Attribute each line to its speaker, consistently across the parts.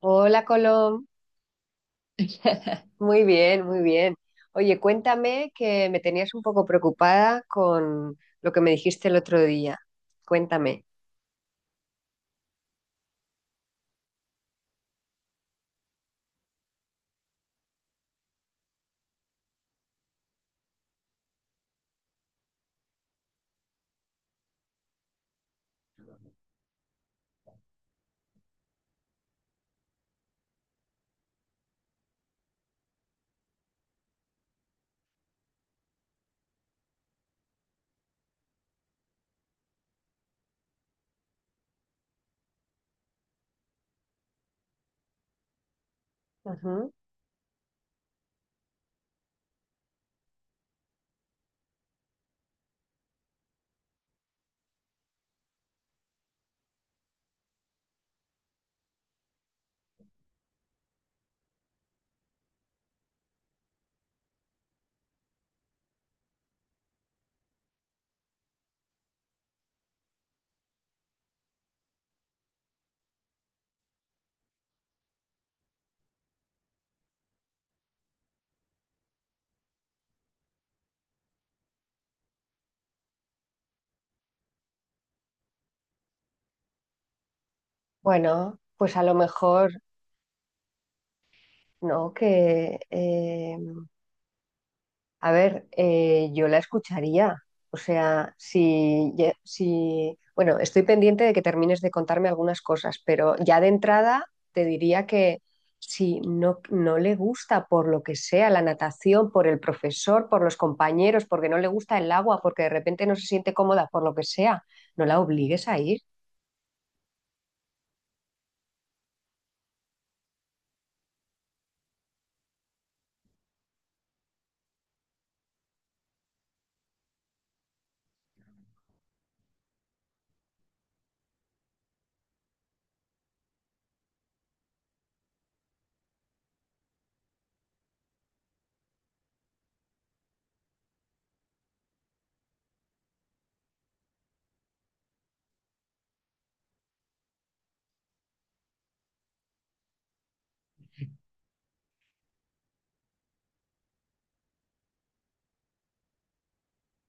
Speaker 1: Hola, Colom. Muy bien, muy bien. Oye, cuéntame que me tenías un poco preocupada con lo que me dijiste el otro día. Cuéntame. Ujú. Bueno, pues a lo mejor, ¿no? Que A ver, yo la escucharía. O sea, si, ya- si, bueno, estoy pendiente de que termines de contarme algunas cosas, pero ya de entrada te diría que si no, no le gusta por lo que sea la natación, por el profesor, por los compañeros, porque no le gusta el agua, porque de repente no se siente cómoda, por lo que sea, no la obligues a ir.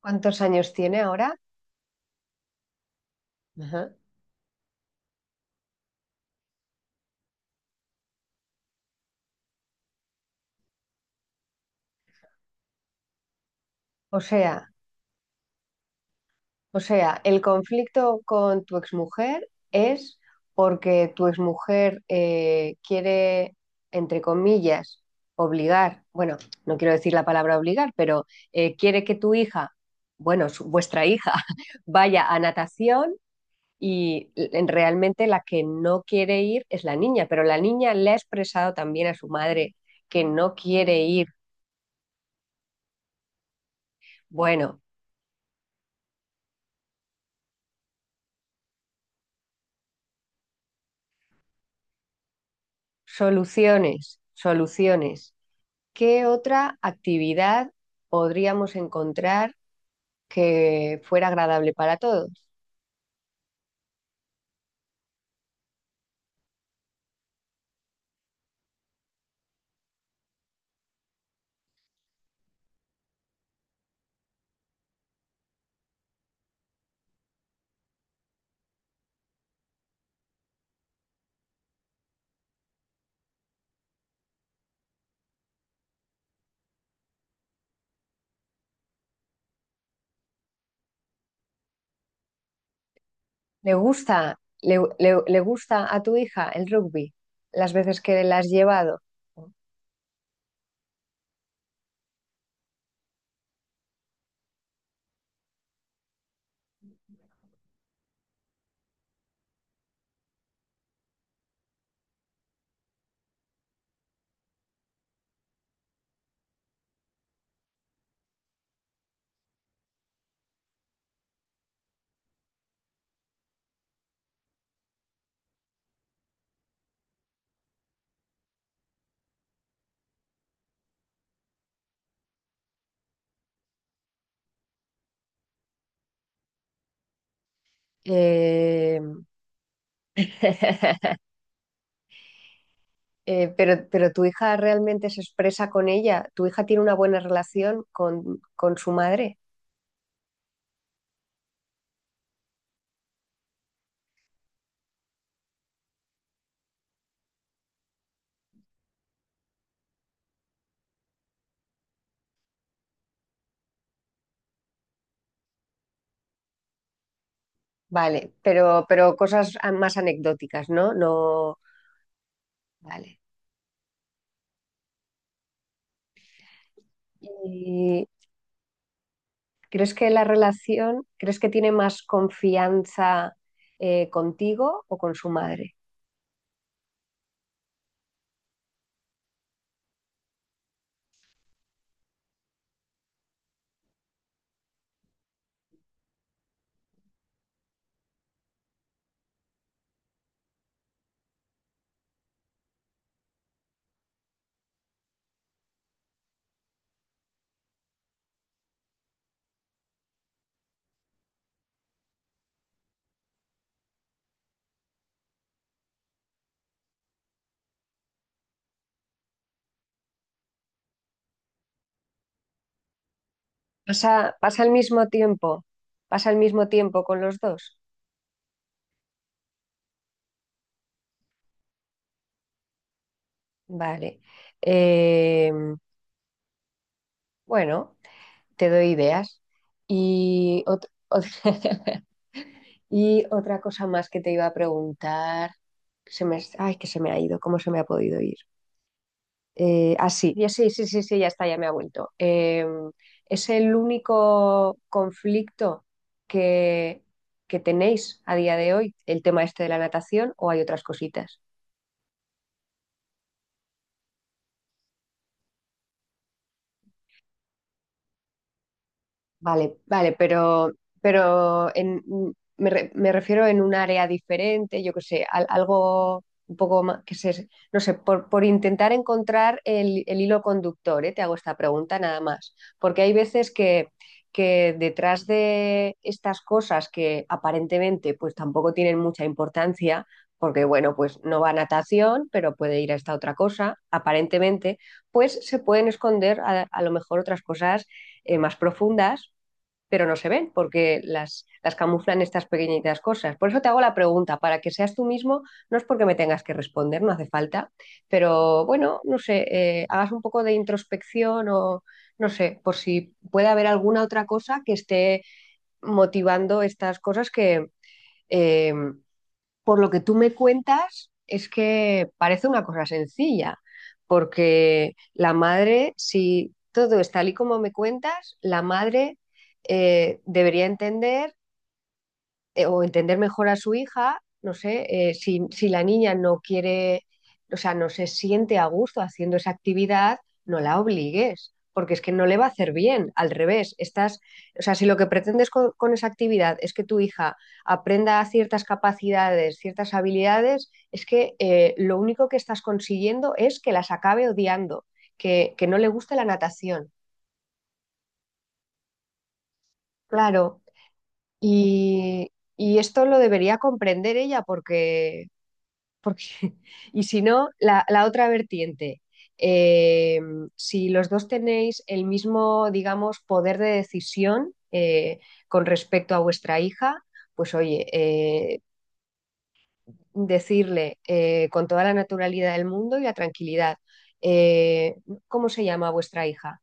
Speaker 1: ¿Cuántos años tiene ahora? Ajá. O sea, O sea, el conflicto con tu exmujer es porque tu exmujer quiere, entre comillas, obligar, bueno, no quiero decir la palabra obligar, pero quiere que tu hija, bueno, vuestra hija, vaya a natación y realmente la que no quiere ir es la niña, pero la niña le ha expresado también a su madre que no quiere ir. Bueno, soluciones, soluciones. ¿Qué otra actividad podríamos encontrar que fuera agradable para todos? ¿Le gusta, le gusta a tu hija el rugby las veces que la has llevado? Eh, pero tu hija realmente se expresa con ella. ¿Tu hija tiene una buena relación con su madre? Vale, pero cosas más anecdóticas, ¿no? No, vale. Y, ¿crees que la relación, crees que tiene más confianza contigo o con su madre? ¿Pasa, pasa al mismo tiempo? ¿Pasa al mismo tiempo con los dos? Vale. Eh, bueno, te doy ideas. Y, ot- ot- y otra cosa más que te iba a preguntar. Se me, ay, que se me ha ido, ¿cómo se me ha podido ir? Sí, ya está, ya me ha vuelto. Es el único conflicto que, que tenéis a día de hoy, el tema este de la natación, o hay otras cositas. Vale, vale, pero en, me refiero en un área diferente, yo qué sé, algo un poco más, que se, no sé, por intentar encontrar el hilo conductor, ¿eh? Te hago esta pregunta nada más, porque hay veces que detrás de estas cosas que aparentemente pues tampoco tienen mucha importancia, porque bueno, pues no va a natación, pero puede ir a esta otra cosa, aparentemente, pues se pueden esconder a lo mejor otras cosas más profundas pero no se ven porque las camuflan estas pequeñitas cosas. Por eso te hago la pregunta, para que seas tú mismo, no es porque me tengas que responder, no hace falta, pero bueno, no sé, hagas un poco de introspección o no sé, por si puede haber alguna otra cosa que esté motivando estas cosas que... Eh, por lo que tú me cuentas, es que parece una cosa sencilla, porque la madre, si todo es tal y como me cuentas, la madre debería entender o entender mejor a su hija, no sé, si, si la niña no quiere, o sea, no se siente a gusto haciendo esa actividad, no la obligues, porque es que no le va a hacer bien, al revés, estás, o sea, si lo que pretendes con esa actividad es que tu hija aprenda ciertas capacidades, ciertas habilidades, es que lo único que estás consiguiendo es que las acabe odiando, que no le guste la natación, claro, y... Y esto lo debería comprender ella porque, porque, y si no, la otra vertiente, eh, si los dos tenéis el mismo, digamos, poder de decisión con respecto a vuestra hija, pues oye, decirle con toda la naturalidad del mundo y la tranquilidad, eh, ¿cómo se llama vuestra hija?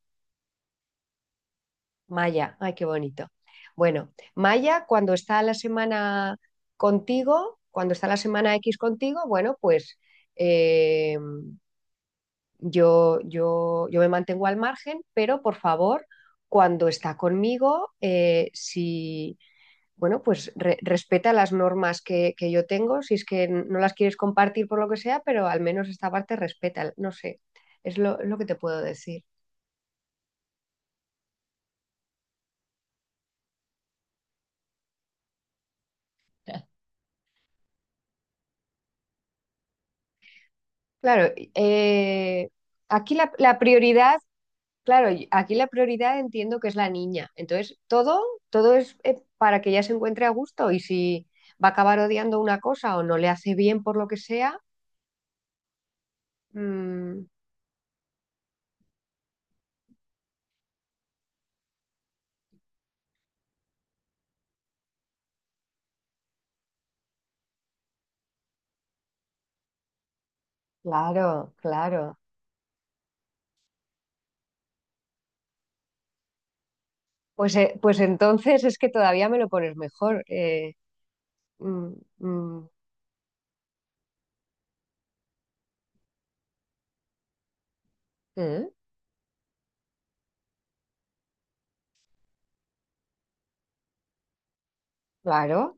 Speaker 1: Maya, ay, qué bonito. Bueno, Maya, cuando está la semana contigo, cuando está la semana X contigo, bueno, pues eh, yo me mantengo al margen, pero por favor, cuando está conmigo, si, bueno, pues respeta las normas que yo tengo, si es que no las quieres compartir por lo que sea, pero al menos esta parte respeta, no sé, es lo que te puedo decir. Claro, aquí la, la prioridad. Claro, y aquí la prioridad entiendo que es la niña. Entonces, todo, todo es para que ella se encuentre a gusto y si va a acabar odiando una cosa o no le hace bien por lo que sea, mm, claro, claro. Pues, pues entonces es que todavía me lo pones mejor. Mm, mm, mm, claro,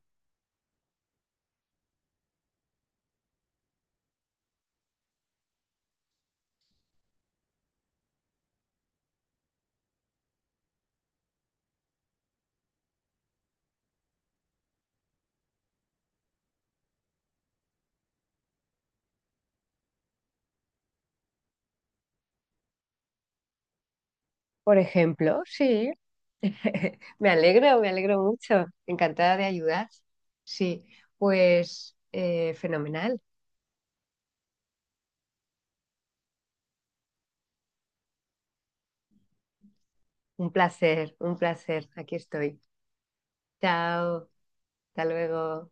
Speaker 1: por ejemplo, sí. Me alegro mucho. Encantada de ayudar. Sí, pues fenomenal. Un placer, un placer. Aquí estoy. Chao, hasta luego.